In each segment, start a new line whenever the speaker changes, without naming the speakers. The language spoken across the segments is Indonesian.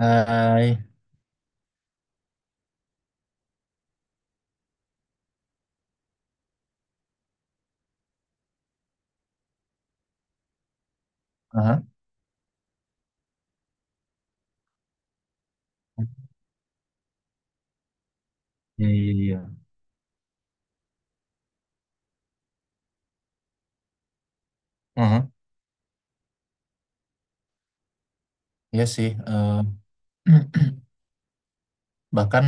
Hai. Aha. Iya, iya, iya, aha. Iya sih. Bahkan,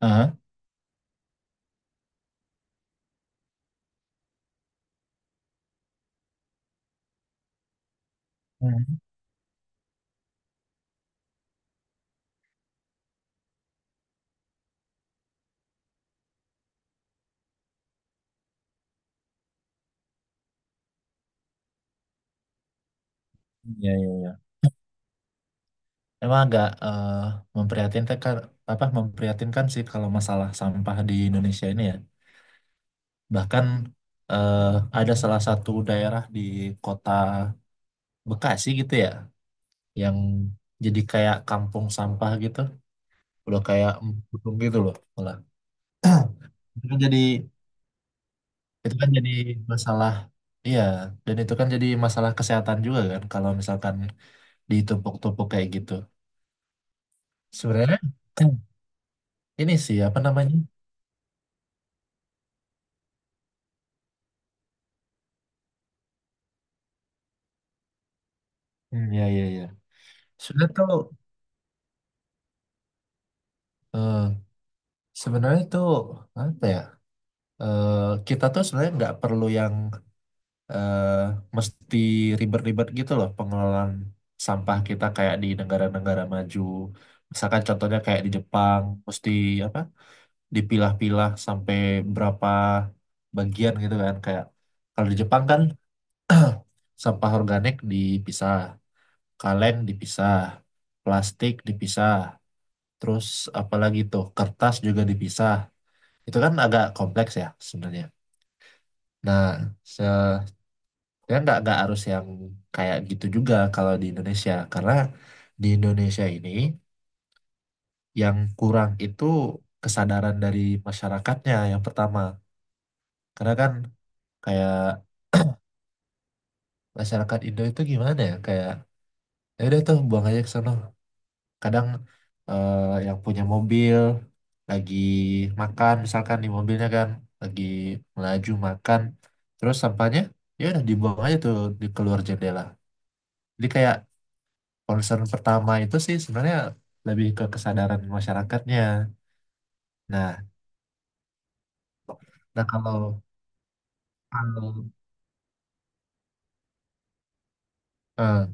aha, iya iya iya. Emang agak memprihatinkan, apa memprihatinkan sih kalau masalah sampah di Indonesia ini ya. Bahkan eh, ada salah satu daerah di kota Bekasi gitu ya, yang jadi kayak kampung sampah gitu, udah kayak embung gitu loh, malah. Itu jadi Itu kan jadi masalah, iya, dan itu kan jadi masalah kesehatan juga kan, kalau misalkan ditumpuk-tumpuk kayak gitu. Sebenarnya ini sih apa namanya? Hmm, ya, ya, ya. Sebenarnya tuh, eh, sebenarnya tuh apa ya? Eh, kita tuh sebenarnya nggak perlu yang eh, mesti ribet-ribet gitu loh pengelolaan sampah kita kayak di negara-negara maju. Misalkan contohnya kayak di Jepang, mesti apa? Dipilah-pilah sampai berapa bagian gitu kan, kayak kalau di Jepang kan sampah organik dipisah, kaleng dipisah, plastik dipisah, terus apalagi tuh kertas juga dipisah. Itu kan agak kompleks ya sebenarnya. Nah, se ya nggak harus yang kayak gitu juga kalau di Indonesia, karena di Indonesia ini yang kurang itu kesadaran dari masyarakatnya yang pertama. Karena kan kayak masyarakat Indo itu gimana ya, kayak ya udah tuh buang aja ke sono, kadang eh, yang punya mobil lagi makan misalkan, di mobilnya kan lagi melaju makan terus sampahnya ya udah dibuang aja tuh di keluar jendela. Jadi kayak concern pertama itu sih sebenarnya lebih ke kesadaran masyarakatnya. nah nah kalau kalau eh,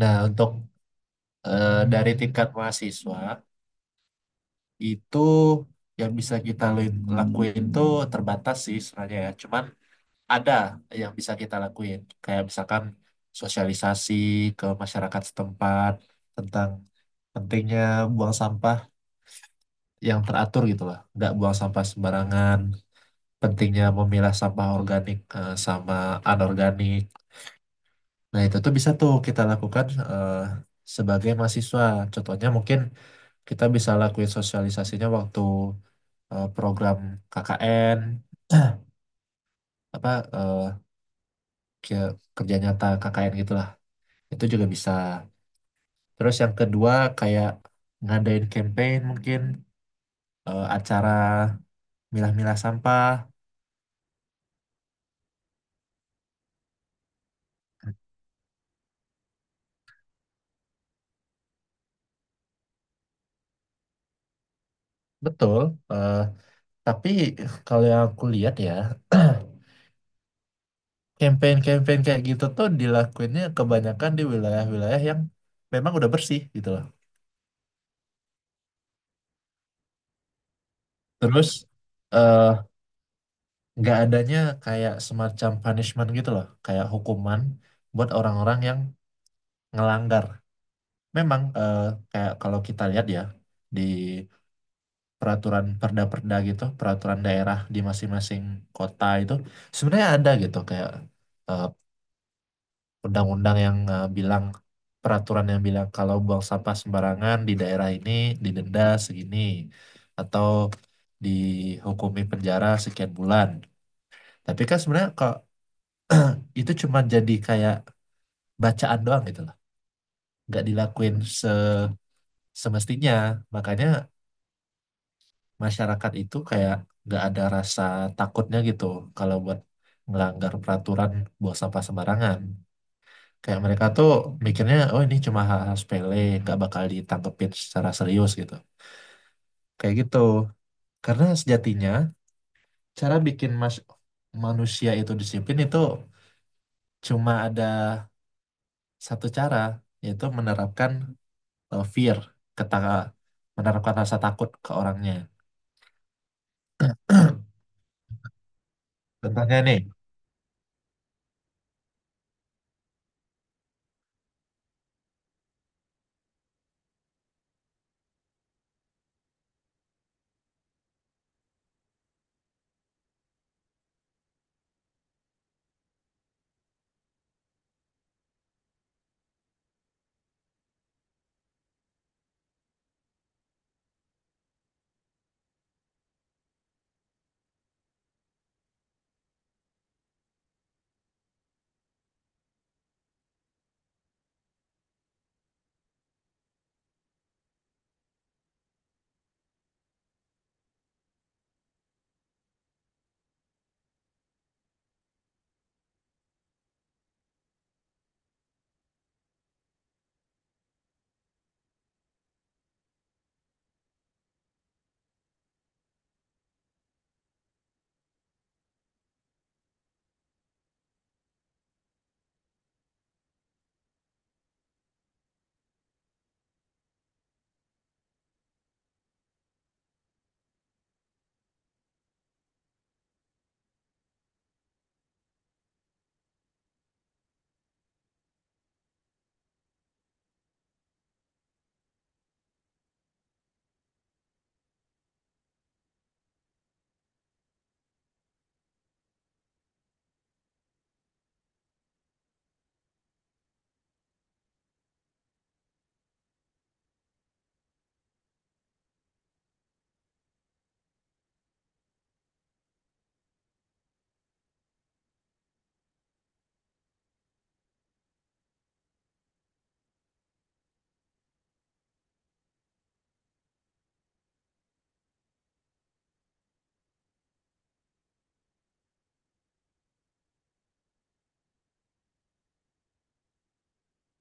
nah untuk dari tingkat mahasiswa itu yang bisa kita lakuin tuh terbatas sih sebenarnya ya. Cuman ada yang bisa kita lakuin. Kayak misalkan sosialisasi ke masyarakat setempat tentang pentingnya buang sampah yang teratur gitu lah. Nggak buang sampah sembarangan. Pentingnya memilah sampah organik sama anorganik. Nah itu tuh bisa tuh kita lakukan sebagai mahasiswa. Contohnya mungkin kita bisa lakuin sosialisasinya waktu program KKN, apa eh, ke- kerja nyata KKN gitulah itu juga bisa. Terus yang kedua, kayak ngadain campaign mungkin, acara milah-milah sampah. Betul, eh, tapi kalau yang aku lihat ya campaign-campaign kayak gitu tuh dilakuinnya kebanyakan di wilayah-wilayah yang memang udah bersih gitu loh. Terus eh, nggak adanya kayak semacam punishment gitu loh, kayak hukuman buat orang-orang yang ngelanggar. Memang kayak kalau kita lihat ya di peraturan perda-perda gitu, peraturan daerah di masing-masing kota itu sebenarnya ada gitu, kayak eh, undang-undang yang bilang, peraturan yang bilang kalau buang sampah sembarangan di daerah ini didenda segini, atau dihukumi penjara sekian bulan. Tapi kan sebenarnya kok itu cuma jadi kayak bacaan doang gitu loh, nggak dilakuin semestinya. Makanya masyarakat itu kayak nggak ada rasa takutnya gitu kalau buat ngelanggar peraturan buang sampah sembarangan. Kayak mereka tuh mikirnya, oh, ini cuma hal-hal sepele, nggak bakal ditangkepin secara serius gitu, kayak gitu. Karena sejatinya cara bikin manusia itu disiplin itu cuma ada satu cara, yaitu menerapkan fear, kata, menerapkan rasa takut ke orangnya. Contohnya nih.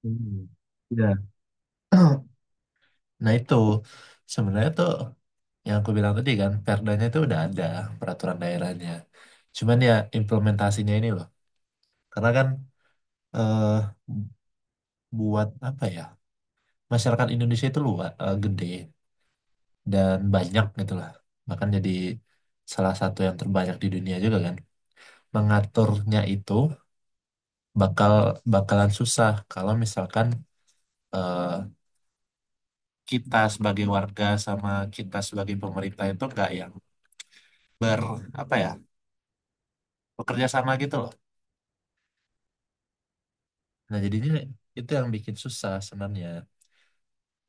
Hmm. Ya. Nah itu sebenarnya tuh yang aku bilang tadi kan, perdanya itu udah ada, peraturan daerahnya. Cuman ya implementasinya ini loh, karena kan eh, buat apa ya, masyarakat Indonesia itu luas, gede dan banyak gitu lah. Bahkan jadi salah satu yang terbanyak di dunia juga kan. Mengaturnya itu bakal bakalan susah kalau misalkan eh, kita sebagai warga sama kita sebagai pemerintah itu nggak yang ber apa ya, bekerja sama gitu loh. Nah jadinya itu yang bikin susah sebenarnya.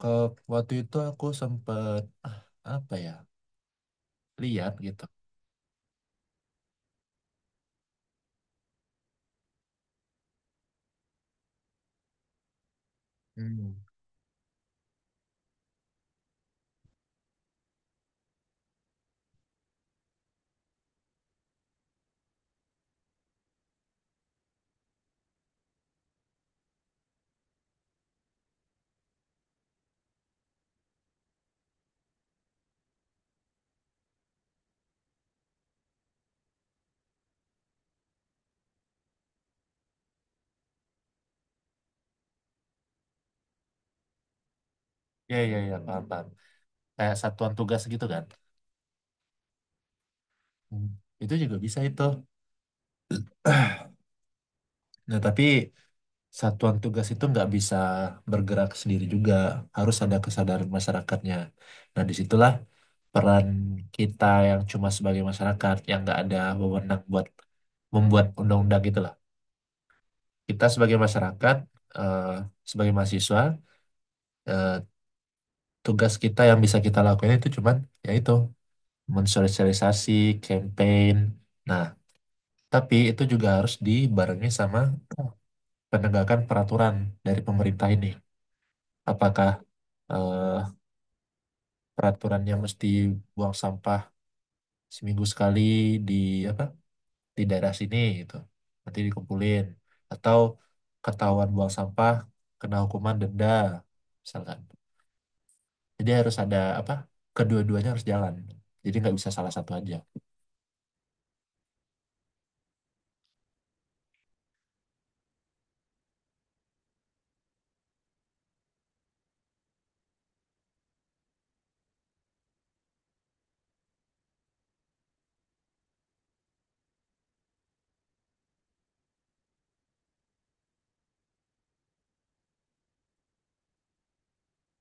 Ke Waktu itu aku sempet apa ya lihat gitu. Hmm. Ya, ya, ya, paham paham. Kayak satuan tugas gitu kan. Hmm. Itu juga bisa itu. Nah tapi satuan tugas itu nggak bisa bergerak sendiri juga, harus ada kesadaran masyarakatnya. Nah, disitulah peran kita yang cuma sebagai masyarakat yang nggak ada wewenang buat membuat undang-undang gitu lah. Kita sebagai masyarakat, eh, sebagai mahasiswa, eh, tugas kita yang bisa kita lakukan itu cuman, yaitu mensosialisasi, campaign. Nah, tapi itu juga harus dibarengi sama penegakan peraturan dari pemerintah ini. Apakah eh, peraturannya mesti buang sampah seminggu sekali di apa, di daerah sini gitu, nanti dikumpulin, atau ketahuan buang sampah kena hukuman denda misalkan. Jadi harus ada apa, kedua-duanya harus jalan, jadi nggak bisa salah satu aja.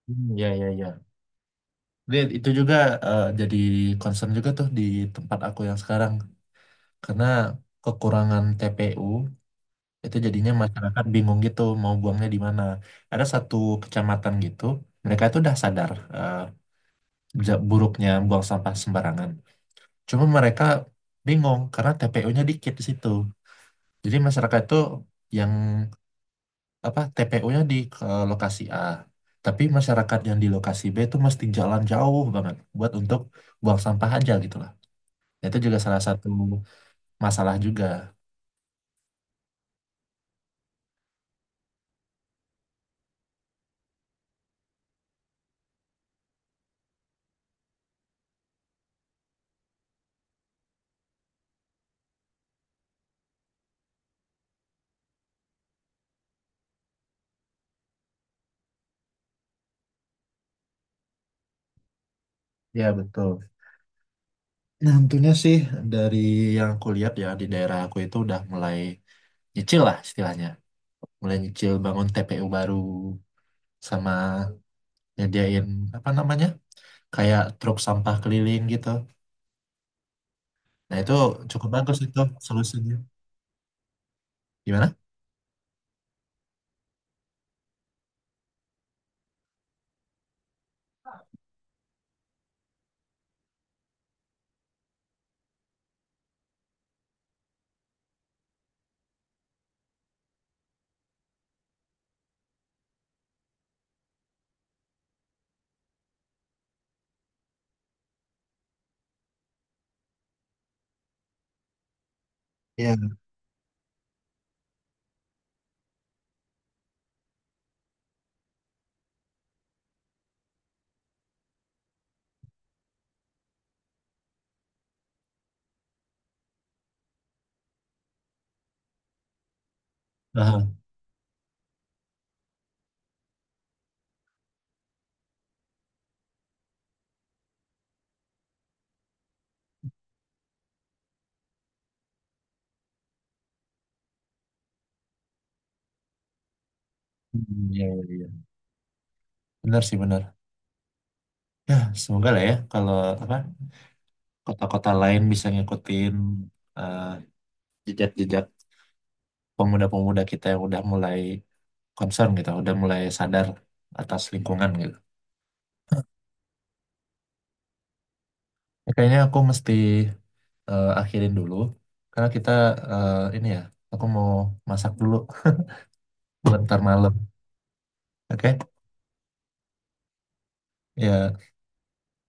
Hmm, ya, ya, ya. Jadi itu juga jadi concern juga tuh di tempat aku yang sekarang, karena kekurangan TPU. Itu jadinya masyarakat bingung gitu mau buangnya di mana. Ada satu kecamatan gitu, mereka itu udah sadar eh, buruknya buang sampah sembarangan. Cuma mereka bingung karena TPU-nya dikit di situ. Jadi masyarakat itu yang apa, TPU-nya di ke lokasi A, tapi masyarakat yang di lokasi B itu mesti jalan jauh banget buat untuk buang sampah aja gitu lah. Itu juga salah satu masalah juga. Ya betul. Nah, tentunya sih dari yang aku lihat ya, di daerah aku itu udah mulai nyicil lah istilahnya. Mulai nyicil bangun TPU baru, sama nyediain apa namanya? Kayak truk sampah keliling gitu. Nah, itu cukup bagus itu solusinya. Gimana? Iya. Aha. Hmm, iya, iya, iya. Benar sih, benar. Ya, semoga lah ya, kalau apa, kota-kota lain bisa ngikutin eh, jejak-jejak pemuda-pemuda kita yang udah mulai concern gitu, udah mulai sadar atas lingkungan gitu. Ya, kayaknya aku mesti akhirin dulu karena kita eh, ini ya, aku mau masak dulu buat ntar malam. Oke. Ya,